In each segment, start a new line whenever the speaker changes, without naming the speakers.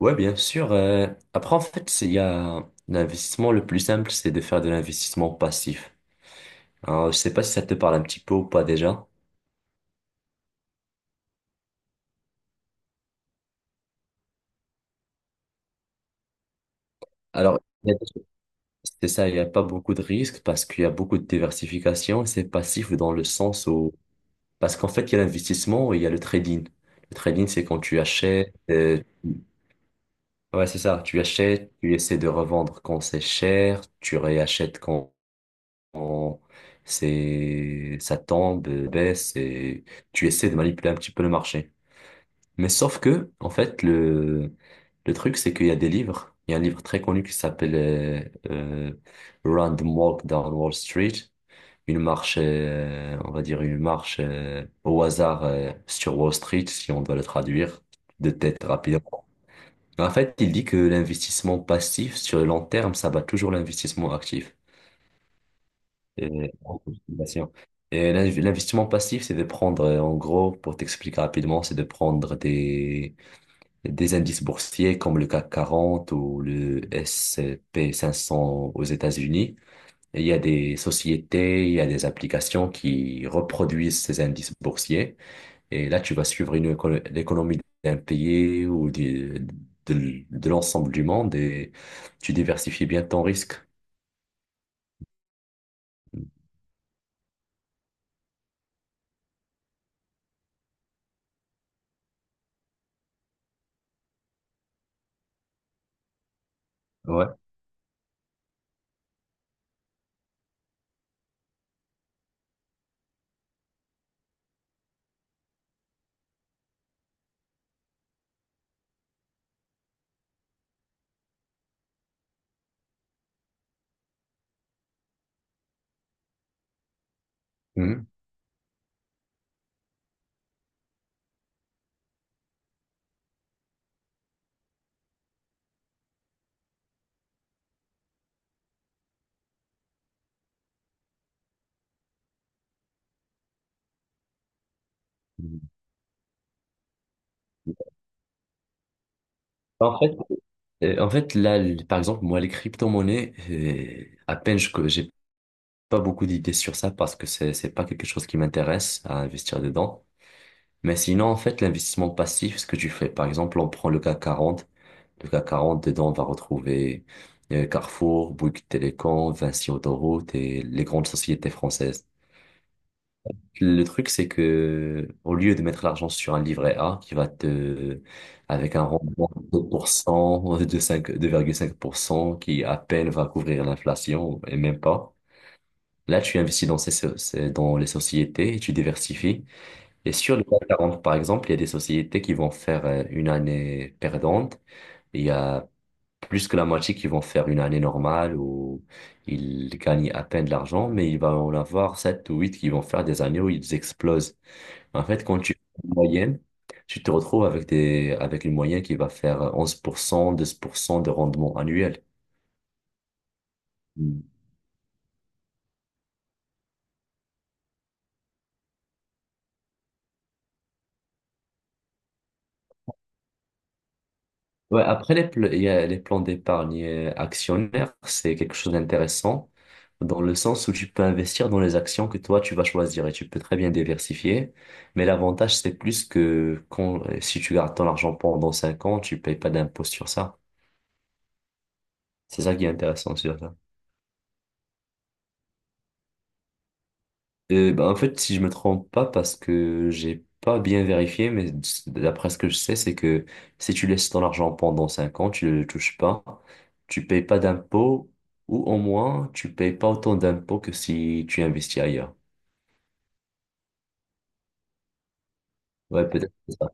Ouais, bien sûr. Après, en fait, il y a l'investissement le plus simple, c'est de faire de l'investissement passif. Alors, je sais pas si ça te parle un petit peu ou pas déjà. Alors, c'est ça, il n'y a pas beaucoup de risques parce qu'il y a beaucoup de diversification. C'est passif dans le sens où, parce qu'en fait, il y a l'investissement et il y a le trading. Le trading, c'est quand tu achètes, ouais, c'est ça, tu achètes, tu essaies de revendre quand c'est cher, tu réachètes quand on- ça tombe, baisse et tu essaies de manipuler un petit peu le marché. Mais sauf que, en fait, le truc, c'est qu'il y a des livres. Il y a un livre très connu qui s'appelle euh, Random Walk Down Wall Street. Une marche, on va dire une marche au hasard sur Wall Street, si on doit le traduire de tête rapidement. En fait, il dit que l'investissement passif sur le long terme, ça bat toujours l'investissement actif. Et, et l'investissement passif, c'est de prendre, en gros, pour t'expliquer rapidement, c'est de prendre des indices boursiers comme le CAC 40 ou le S&P 500 aux États-Unis. Et il y a des sociétés, il y a des applications qui reproduisent ces indices boursiers. Et là, tu vas suivre l'économie d'un pays ou de l'ensemble du monde et tu diversifies bien ton risque. Ouais. Mhm. En fait, en fait, là, par exemple, moi, les crypto-monnaies, à peine que j'ai pas beaucoup d'idées sur ça parce que c'est pas quelque chose qui m'intéresse à investir dedans. Mais sinon, en fait, l'investissement passif, ce que tu fais, par exemple, on prend le CAC 40. Le CAC 40, dedans, on va retrouver Carrefour, Bouygues Télécom, Vinci Autoroute et les grandes sociétés françaises. Le truc, c'est que au lieu de mettre l'argent sur un livret A avec un rendement de 2%, de 5, 2,5%, qui à peine va couvrir l'inflation et même pas, là, tu investis dans dans les sociétés et tu diversifies. Et sur le CAC 40, par exemple, il y a des sociétés qui vont faire une année perdante. Il y a plus que la moitié qui vont faire une année normale où ils gagnent à peine de l'argent, mais il va en avoir 7 ou 8 qui vont faire des années où ils explosent. En fait, quand tu fais une moyenne, tu te retrouves avec une moyenne qui va faire 11% 12% de rendement annuel. Mm. Ouais, après, il y a les plans d'épargne actionnaire, c'est quelque chose d'intéressant dans le sens où tu peux investir dans les actions que toi, tu vas choisir et tu peux très bien diversifier. Mais l'avantage, c'est plus que si tu gardes ton argent pendant 5 ans, tu payes pas d'impôt sur ça. C'est ça qui est intéressant sur ça. Bah, en fait, si je me trompe pas, parce que j'ai pas bien vérifié, mais d'après ce que je sais, c'est que si tu laisses ton argent pendant 5 ans, tu le touches pas, tu payes pas d'impôts, ou au moins, tu payes pas autant d'impôts que si tu investis ailleurs. Ouais, peut-être c'est ça.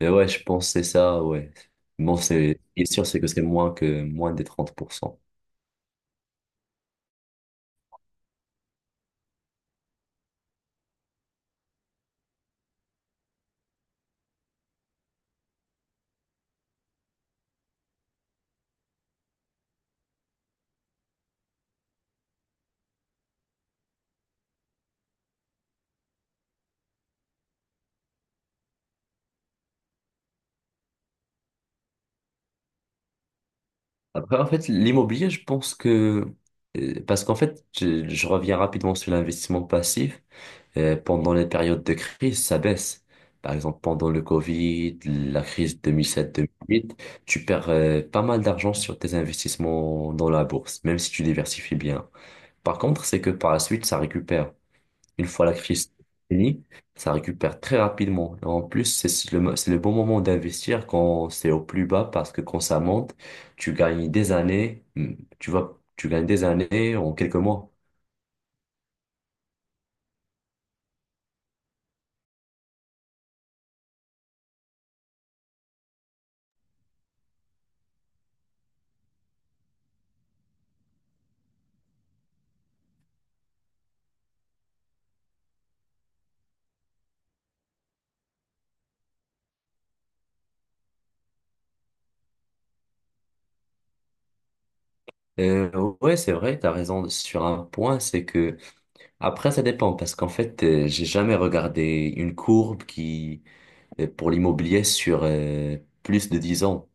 Mais ouais, je pense que c'est ça, ouais. Bon, ce qui est sûr, c'est que c'est moins des 30%. Après, en fait, l'immobilier, je pense que, parce qu'en fait, je reviens rapidement sur l'investissement passif. Pendant les périodes de crise, ça baisse. Par exemple, pendant le Covid, la crise 2007-2008, tu perds pas mal d'argent sur tes investissements dans la bourse, même si tu diversifies bien. Par contre, c'est que par la suite, ça récupère. Une fois la crise finie, ça récupère très rapidement. Et en plus, c'est si le, mo- c'est le bon moment d'investir quand c'est au plus bas, parce que quand ça monte, tu gagnes des années, tu vois, tu gagnes des années en quelques mois. Euh, ouais, c'est vrai, tu as raison sur un point. C'est que Après, ça dépend parce qu'en fait, j'ai jamais regardé une courbe qui pour l'immobilier sur plus de 10 ans.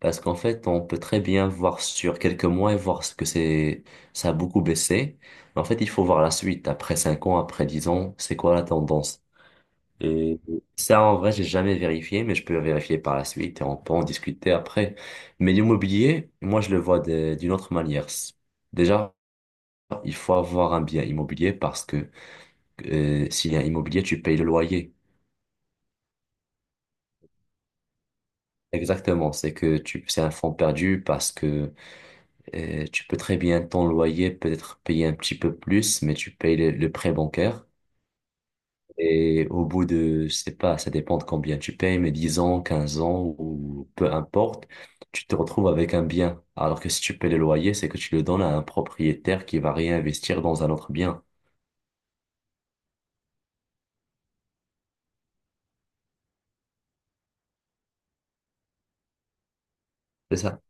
Parce qu'en fait, on peut très bien voir sur quelques mois et voir ce que c'est, ça a beaucoup baissé. Mais en fait, il faut voir la suite. Après 5 ans, après 10 ans, c'est quoi la tendance? Et ça, en vrai, j'ai jamais vérifié, mais je peux vérifier par la suite et on peut en discuter après. Mais l'immobilier, moi, je le vois d'une autre manière. Déjà, il faut avoir un bien immobilier parce que s'il y a un immobilier, tu payes le loyer. Exactement, c'est que c'est un fonds perdu parce que tu peux très bien ton loyer peut-être payer un petit peu plus, mais tu payes le prêt bancaire. Et au bout de, je sais pas, ça dépend de combien tu payes, mais 10 ans, 15 ans ou peu importe, tu te retrouves avec un bien. Alors que si tu payes le loyer, c'est que tu le donnes à un propriétaire qui va réinvestir dans un autre bien. C'est ça.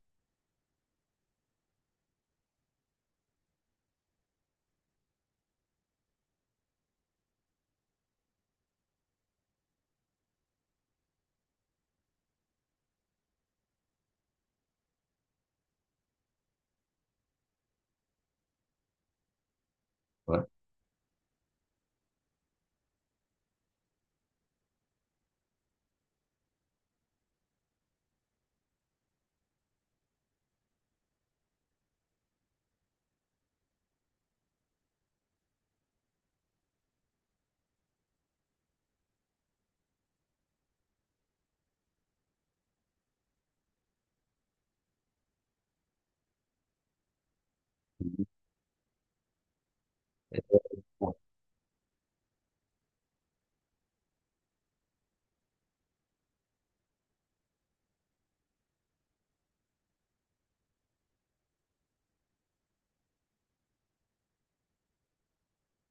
Ouais.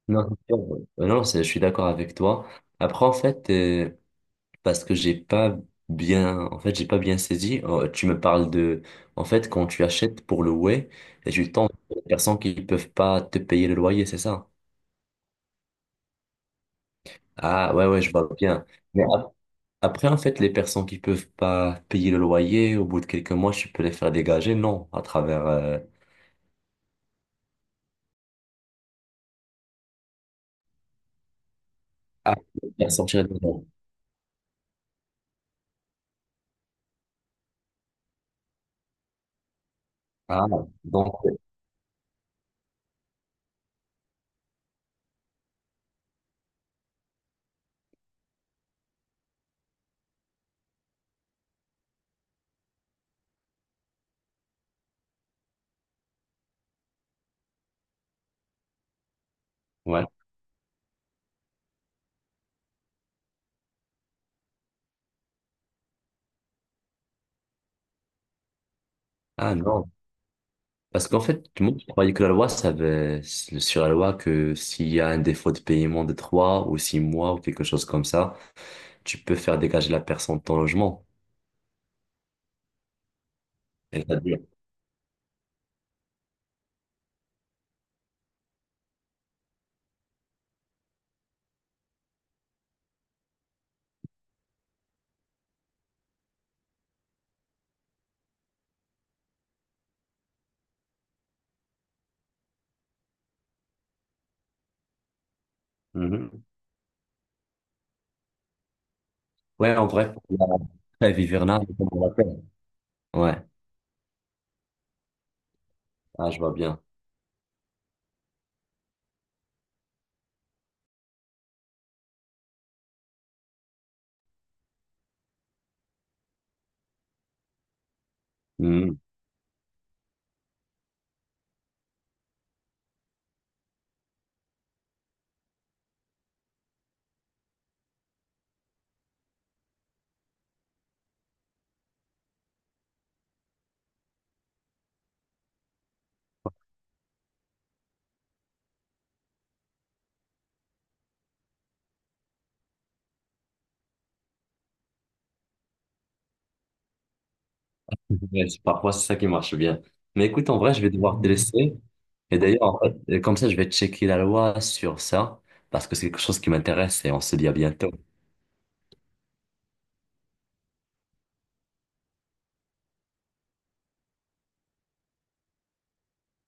Non, non, c'est sûr. Non, je suis d'accord avec toi. Après, en fait, parce que j'ai pas bien, en fait, j'ai pas bien saisi. Tu me parles de, en fait, quand tu achètes pour le louer et tu tombes sur des personnes qui peuvent pas te payer le loyer, c'est ça? Ah, ouais, ouais, je vois bien. Mais après, en fait, les personnes qui peuvent pas payer le loyer, au bout de quelques mois, tu peux les faire dégager, non, à travers, ah, faire sortir des gens. Ah, donc, ouais. Ah, non. Parce qu'en fait, tout le monde croyait que la loi, ça avait, sur la loi, que s'il y a un défaut de paiement de 3 ou 6 mois ou quelque chose comme ça, tu peux faire dégager la personne de ton logement. Et ça dure. Mhm. Ouais, en vrai, la trêve hivernale, comme on l'appelle. Ouais, ah, je vois bien. Mhm. Ouais, parfois, c'est ça qui marche bien. Mais écoute, en vrai, je vais devoir te laisser. Et d'ailleurs, en fait, comme ça, je vais checker la loi sur ça, parce que c'est quelque chose qui m'intéresse et on se dit à bientôt.